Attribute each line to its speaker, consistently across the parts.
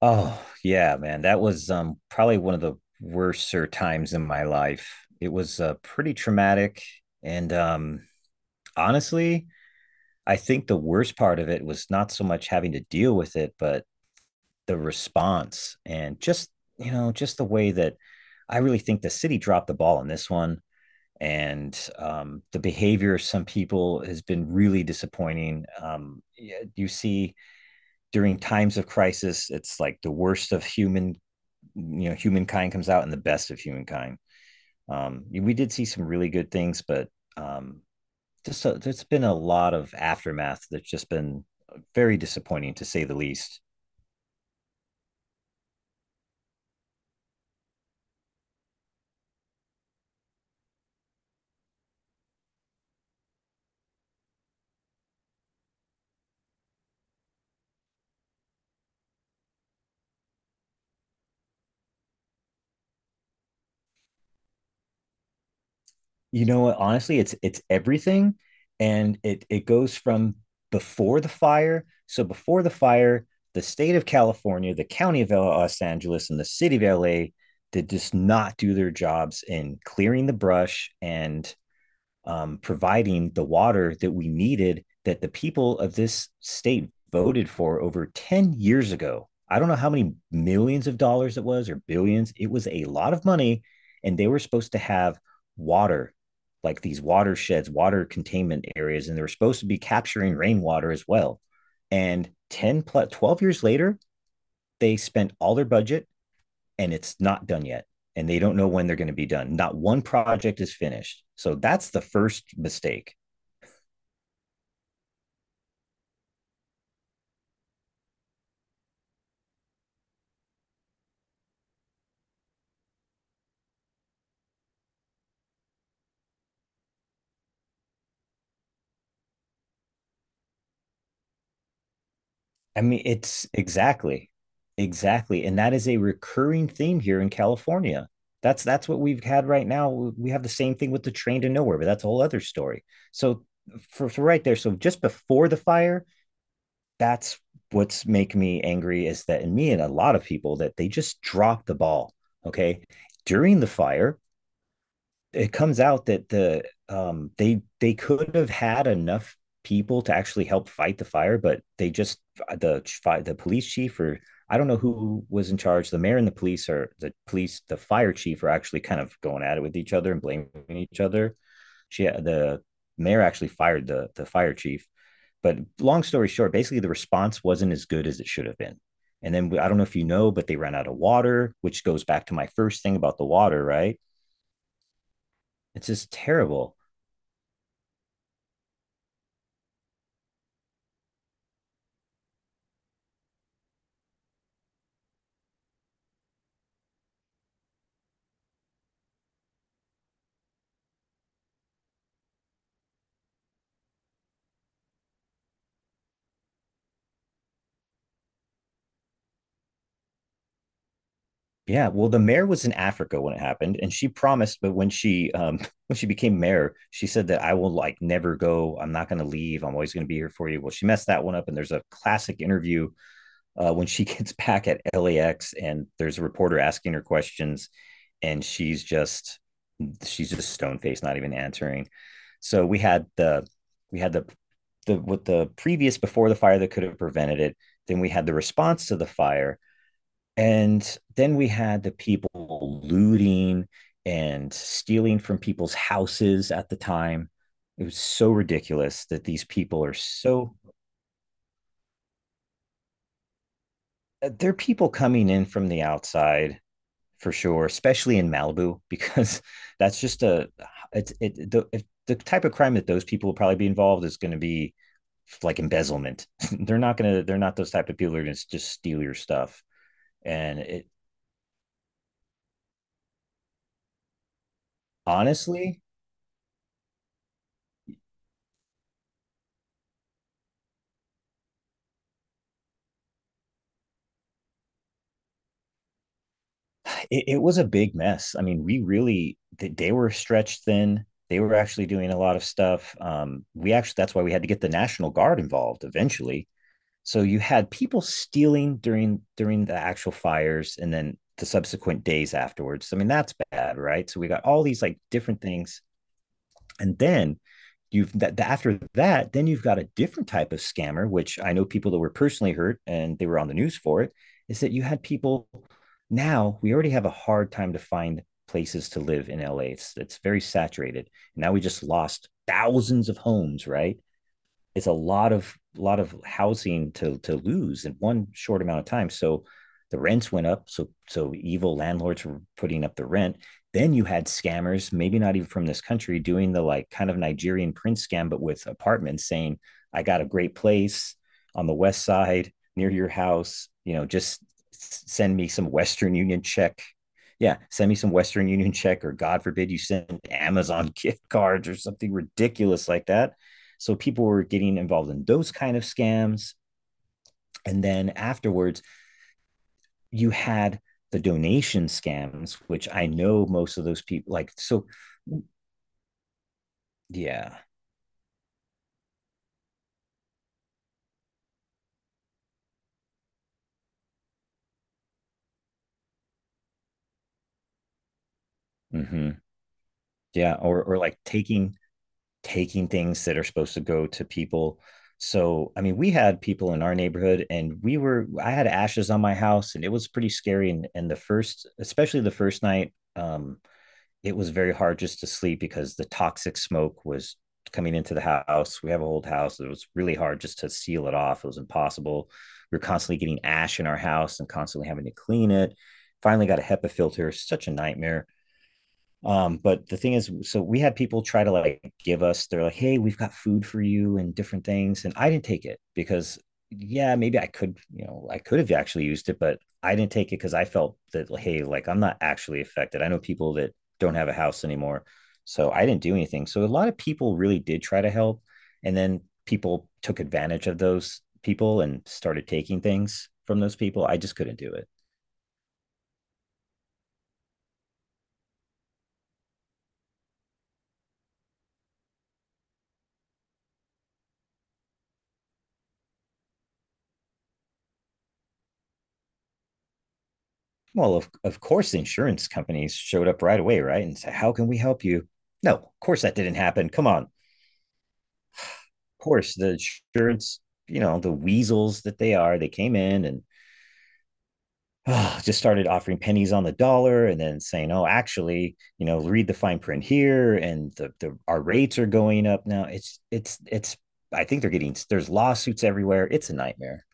Speaker 1: Oh, yeah, man. That was probably one of the worser times in my life. It was pretty traumatic and honestly, I think the worst part of it was not so much having to deal with it, but the response and just the way that I really think the city dropped the ball on this one. And the behavior of some people has been really disappointing. Yeah, you see, during times of crisis, it's like the worst of human humankind comes out in the best of humankind. We did see some really good things, but um, there's been a lot of aftermath that's just been very disappointing to say the least. You know what? Honestly, it's everything, and it goes from before the fire. So before the fire, the state of California, the county of Los Angeles, and the city of LA did just not do their jobs in clearing the brush and providing the water that we needed that the people of this state voted for over 10 years ago. I don't know how many millions of dollars it was or billions. It was a lot of money. And they were supposed to have water, like these watersheds, water containment areas. And they were supposed to be capturing rainwater as well. And 10 plus 12 years later, they spent all their budget and it's not done yet and they don't know when they're going to be done, not one project is finished, so that's the first mistake. I mean it's exactly, and that is a recurring theme here in California. That's what we've had right now. We have the same thing with the train to nowhere, but that's a whole other story. So for right there, so just before the fire, that's what's making me angry is that in me and a lot of people that they just dropped the ball. Okay, during the fire it comes out that the they could have had enough people to actually help fight the fire, but they just the police chief, or I don't know who was in charge. The mayor and the police are the police, the fire chief are actually kind of going at it with each other and blaming each other. She the mayor actually fired the fire chief. But long story short, basically the response wasn't as good as it should have been. And then I don't know if you know, but they ran out of water, which goes back to my first thing about the water, right? It's just terrible. Yeah, well, the mayor was in Africa when it happened, and she promised, but when she when she became mayor, she said that I will like never go. I'm not going to leave. I'm always going to be here for you. Well, she messed that one up, and there's a classic interview when she gets back at LAX, and there's a reporter asking her questions, and she's just stone faced, not even answering. So we had the with the previous before the fire that could have prevented it. Then we had the response to the fire, and then we had the people looting and stealing from people's houses at the time. It was so ridiculous that these people are so, they're people coming in from the outside for sure, especially in Malibu, because that's just a, it's, it, the, if the type of crime that those people will probably be involved is going to be like embezzlement. They're not going to, they're not those type of people who are going to just steal your stuff. And it honestly, it was a big mess. I mean, we really they were stretched thin. They were actually doing a lot of stuff. We actually that's why we had to get the National Guard involved eventually. So you had people stealing during the actual fires and then the subsequent days afterwards. I mean, that's bad, right? So we got all these like different things, and then you've that after that, then you've got a different type of scammer, which I know people that were personally hurt and they were on the news for it, is that you had people, now we already have a hard time to find places to live in LA. It's very saturated. Now we just lost thousands of homes, right? It's a lot of housing to lose in one short amount of time. So the rents went up. So evil landlords were putting up the rent. Then you had scammers, maybe not even from this country, doing the like kind of Nigerian prince scam, but with apartments saying, I got a great place on the west side near your house. You know, just send me some Western Union check. Yeah, send me some Western Union check, or God forbid you send Amazon gift cards or something ridiculous like that, so people were getting involved in those kind of scams. And then afterwards, you had the donation scams, which I know most of those people like. So, yeah, hmm, yeah, or like taking things that are supposed to go to people. So, I mean, we had people in our neighborhood, and we were, I had ashes on my house, and it was pretty scary. And the first, especially the first night, it was very hard just to sleep because the toxic smoke was coming into the house. We have an old house. It was really hard just to seal it off. It was impossible. We were constantly getting ash in our house and constantly having to clean it. Finally got a HEPA filter, such a nightmare. But the thing is, so we had people try to like give us, they're like, hey, we've got food for you and different things. And I didn't take it because, yeah, maybe I could, you know, I could have actually used it, but I didn't take it because I felt that, like, hey, like I'm not actually affected. I know people that don't have a house anymore. So I didn't do anything. So a lot of people really did try to help. And then people took advantage of those people and started taking things from those people. I just couldn't do it. Well, of course, the insurance companies showed up right away, right? And said, how can we help you? No, of course, that didn't happen. Come on. Of course, the insurance, you know, the weasels that they are, they came in and oh, just started offering pennies on the dollar and then saying, oh, actually, you know, read the fine print here and the our rates are going up now. It's, I think they're getting, there's lawsuits everywhere. It's a nightmare.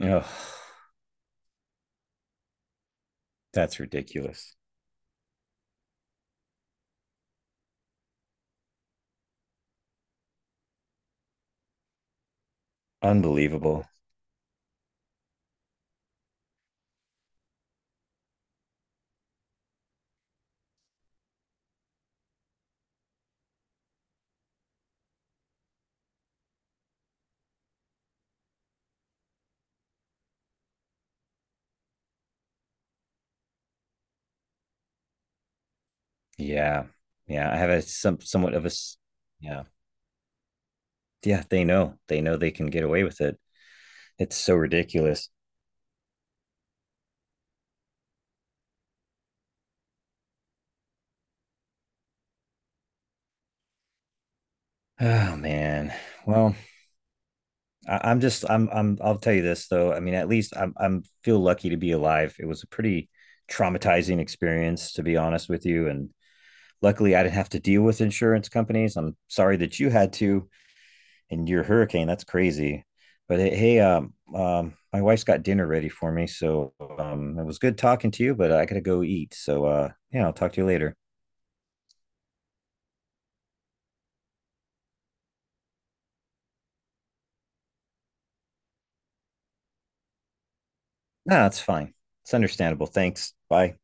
Speaker 1: Oh, that's ridiculous. Unbelievable. Yeah. Yeah. I have a some somewhat of a s- yeah. Yeah, they know. They know they can get away with it. It's so ridiculous. Oh man. Well, I I'll tell you this though. I mean, at least I'm feel lucky to be alive. It was a pretty traumatizing experience, to be honest with you. And luckily I didn't have to deal with insurance companies. I'm sorry that you had to, and your hurricane. That's crazy. But hey, my wife's got dinner ready for me, so it was good talking to you. But I gotta go eat. So yeah, I'll talk to you later. No, nah, it's fine. It's understandable. Thanks. Bye.